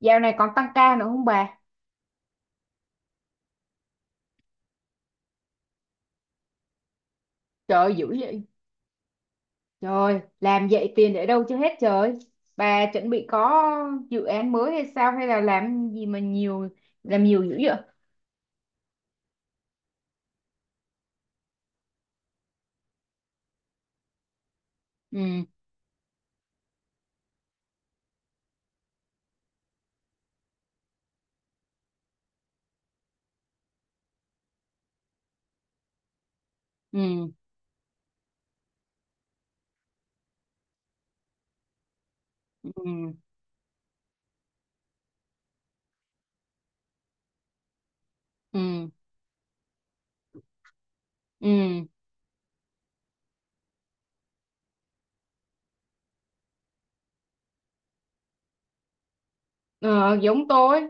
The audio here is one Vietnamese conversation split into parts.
Dạo này còn tăng ca nữa không bà? Trời ơi, dữ vậy. Trời ơi, làm vậy tiền để đâu cho hết trời. Bà chuẩn bị có dự án mới hay sao, hay là làm gì mà nhiều, làm nhiều dữ vậy? Ừ. ừ ừ ừ ừ ờ, Giống tôi.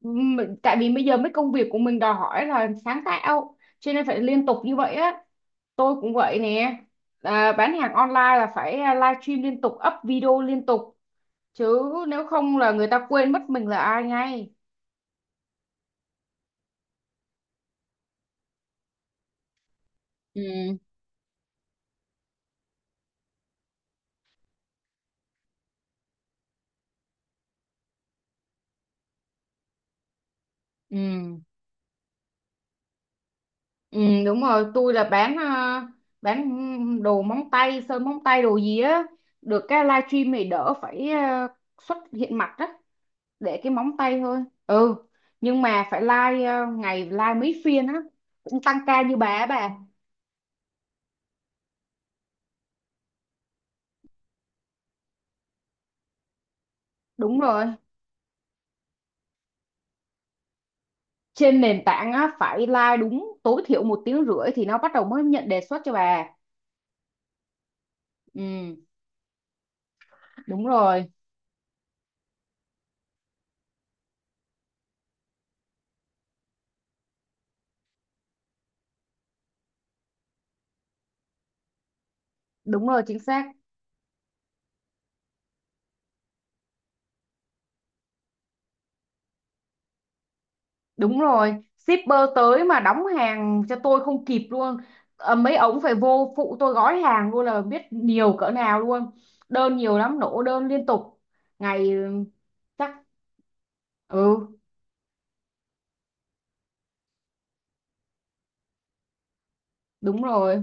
Tại vì bây giờ mấy công việc của mình đòi hỏi là sáng tạo, cho nên phải liên tục như vậy á. Tôi cũng vậy nè. Bán hàng online là phải live stream liên tục, up video liên tục chứ, nếu không là người ta quên mất mình là ai ngay. Ừ ừ ừ. Đúng rồi, tôi là bán bán đồ móng tay, sơn móng tay, đồ gì á, được cái livestream này đỡ phải xuất hiện mặt á, để cái móng tay thôi. Ừ, nhưng mà phải live ngày live mấy phiên á, cũng tăng ca như bà á bà. Đúng rồi, trên nền tảng á phải live đúng tối thiểu một tiếng rưỡi thì nó bắt đầu mới nhận đề xuất cho bà. Ừ. Đúng rồi. Đúng rồi, chính xác. Đúng rồi, shipper tới mà đóng hàng cho tôi không kịp luôn. Ờ, mấy ống phải vô phụ tôi gói hàng luôn là biết nhiều cỡ nào luôn. Đơn nhiều lắm, nổ đơn liên tục. Ngày chắc. Ừ. Đúng rồi.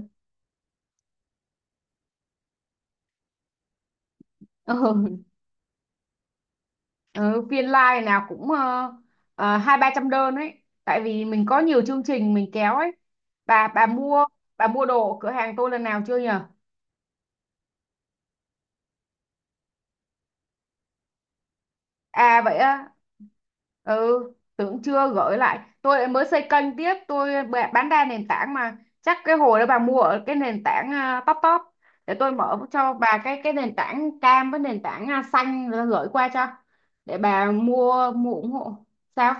Ừ. Ừ, phiên live nào cũng hai ba trăm đơn ấy. Tại vì mình có nhiều chương trình mình kéo ấy. Bà mua, bà mua đồ ở cửa hàng tôi lần nào chưa nhỉ? À vậy á. Ừ, tưởng chưa gửi lại. Tôi lại mới xây kênh tiếp, tôi bán đa nền tảng mà, chắc cái hồi đó bà mua ở cái nền tảng top top. Để tôi mở cho bà cái nền tảng cam với nền tảng xanh rồi gửi qua cho, để bà mua, mua ủng hộ. Sao?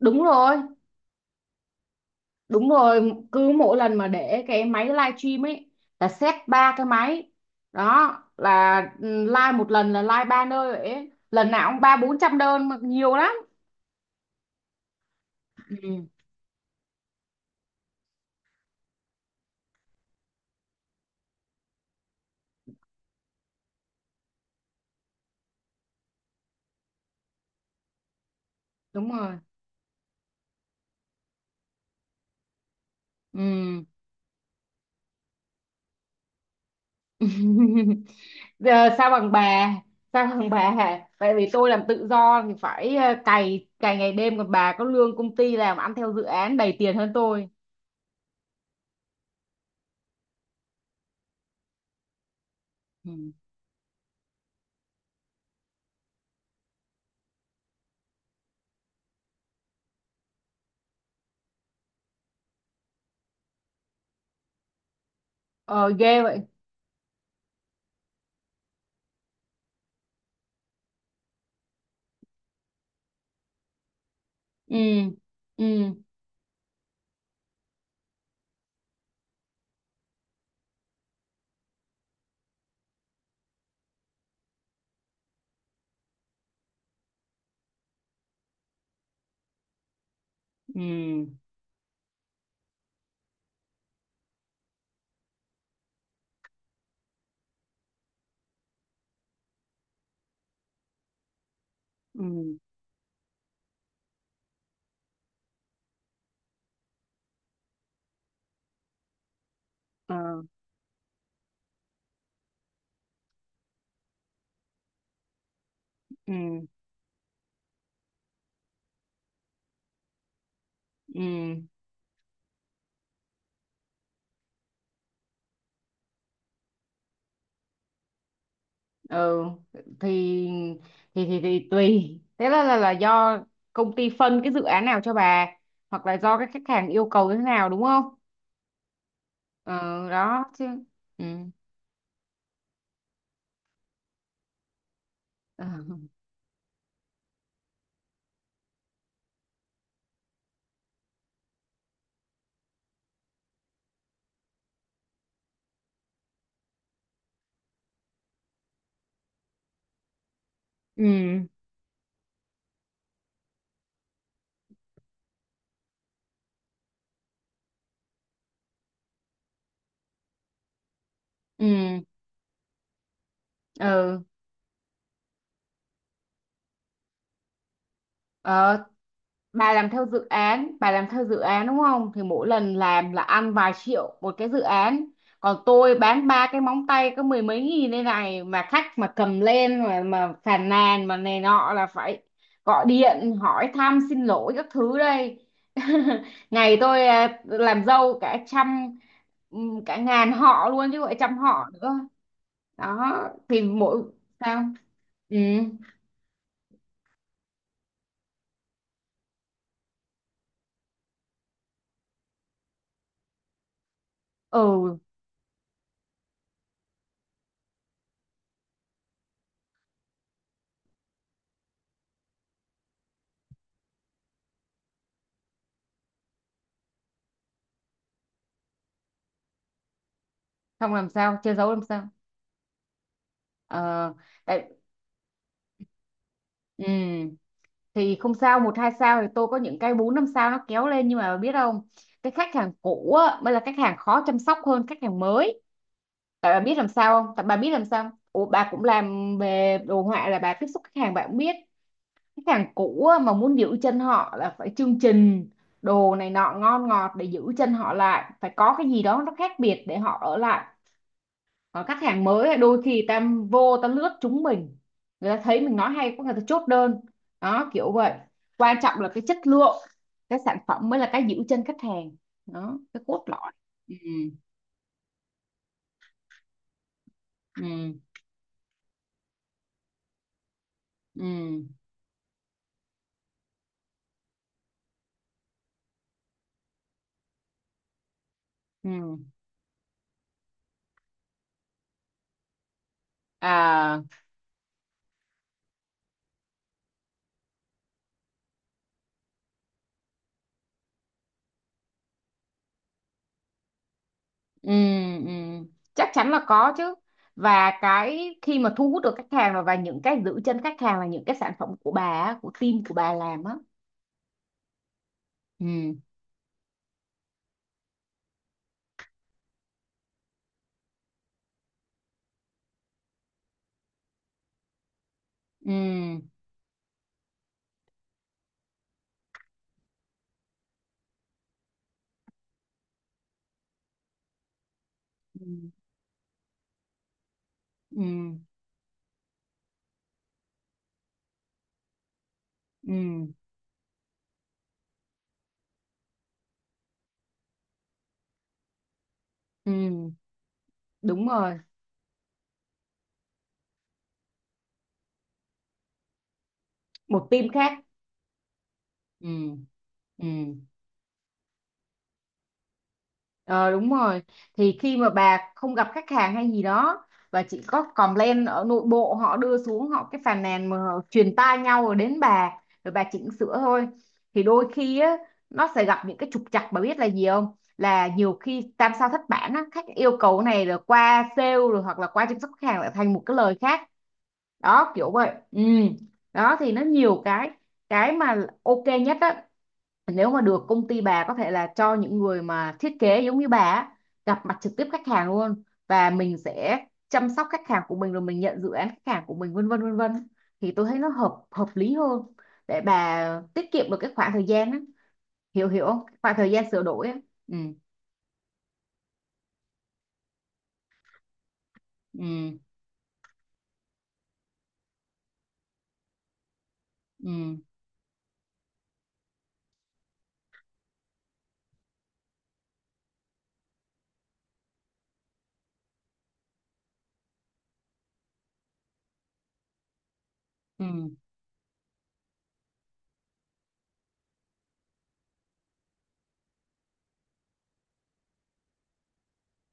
Đúng rồi. Đúng rồi, cứ mỗi lần mà để cái máy livestream ấy là set ba cái máy đó, là live một lần là live ba nơi vậy ấy. Lần nào cũng ba bốn trăm đơn mà, nhiều lắm. Ừ. Đúng rồi. Ừ. Giờ sao bằng bà, sao bằng bà hả, tại vì tôi làm tự do thì phải cày cày ngày đêm, còn bà có lương công ty, làm ăn theo dự án đầy tiền hơn tôi. Ừ. Ờ ghê vậy. Ừ. ừ ừ ừ ờ ừ ừ ừ. thì Thì, tùy, là do công ty phân cái dự án nào cho bà, hoặc là do cái khách hàng yêu cầu thế nào, đúng không? Ờ đó chứ. Ừ. Ờ. ừ ừ ừ ờ, bà làm theo dự án, bà làm theo dự án đúng không, thì mỗi lần làm là ăn vài triệu một cái dự án, còn tôi bán ba cái móng tay có mười mấy nghìn đây này, mà khách mà cầm lên mà phàn nàn mà này nọ là phải gọi điện hỏi thăm xin lỗi các thứ đây. Ngày tôi làm dâu cả trăm, cả ngàn họ luôn chứ gọi trăm họ nữa. Đó thì mỗi. Sao? Ừ. Ừ. Không, làm sao che giấu làm sao? Ờ, tại. ừ, thì không sao, một hai sao thì tôi có những cái bốn năm sao nó kéo lên, nhưng mà biết không? Cái khách hàng cũ á, mới là khách hàng khó chăm sóc hơn khách hàng mới. Tại bà biết làm sao không? Tại bà biết làm sao không? Ủa, bà cũng làm về đồ họa là bà tiếp xúc khách hàng bà cũng biết. Khách hàng cũ á, mà muốn giữ chân họ là phải chương trình, đồ này nọ ngon ngọt để giữ chân họ lại, phải có cái gì đó nó khác biệt để họ ở lại. Còn khách hàng mới ấy, đôi khi ta vô ta lướt chúng mình, người ta thấy mình nói hay, có người ta chốt đơn, đó kiểu vậy. Quan trọng là cái chất lượng, cái sản phẩm mới là cái giữ chân khách hàng, đó cái cốt lõi. Ừ. ừ ừ ừ à ừ ừ Chắc chắn là có chứ. Và cái khi mà thu hút được khách hàng, và những cái giữ chân khách hàng là những cái sản phẩm của bà á, của team của bà làm á. ừ ừ ừ ừ ừ Ừ. Đúng rồi, một team khác. Ừ. Ừ. Ờ, đúng rồi, thì khi mà bà không gặp khách hàng hay gì đó và chỉ có complain ở nội bộ, họ đưa xuống họ cái phàn nàn mà họ truyền tai nhau rồi đến bà, rồi bà chỉnh sửa thôi, thì đôi khi á nó sẽ gặp những cái trục trặc. Bà biết là gì không, là nhiều khi tam sao thất bản á, khách yêu cầu cái này rồi qua sale rồi hoặc là qua chăm sóc khách hàng lại thành một cái lời khác, đó kiểu vậy. Ừ. Đó thì nó nhiều cái mà ok nhất á, nếu mà được công ty bà có thể là cho những người mà thiết kế giống như bà á, gặp mặt trực tiếp khách hàng luôn, và mình sẽ chăm sóc khách hàng của mình, rồi mình nhận dự án khách hàng của mình, vân vân vân vân, thì tôi thấy nó hợp hợp lý hơn, để bà tiết kiệm được cái khoảng thời gian á, hiểu hiểu không, khoảng thời gian sửa đổi á. Ừ. ừ ừ ừ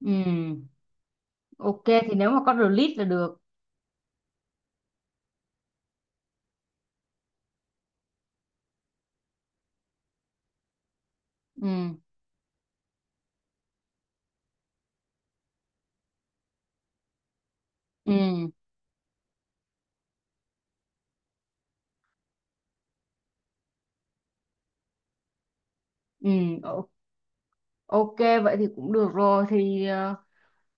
ừ ok, thì nếu mà có release là được. Ừ. ừ ừ o- ok vậy thì cũng được rồi, thì ờ,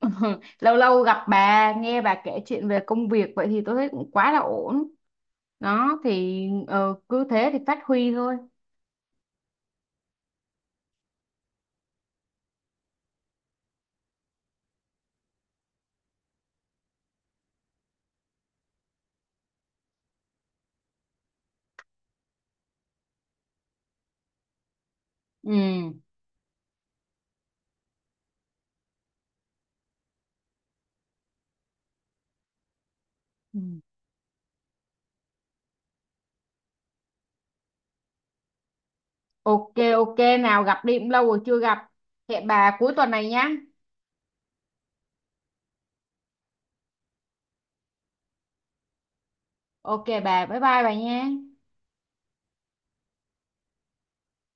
lâu lâu gặp bà nghe bà kể chuyện về công việc vậy thì tôi thấy cũng quá là ổn, đó thì ờ, cứ thế thì phát huy thôi. Ừ. Ừ. Ok. Ok nào, gặp đi cũng lâu rồi chưa gặp, hẹn bà cuối tuần này nhá. Ok bà, bye bye bà nha.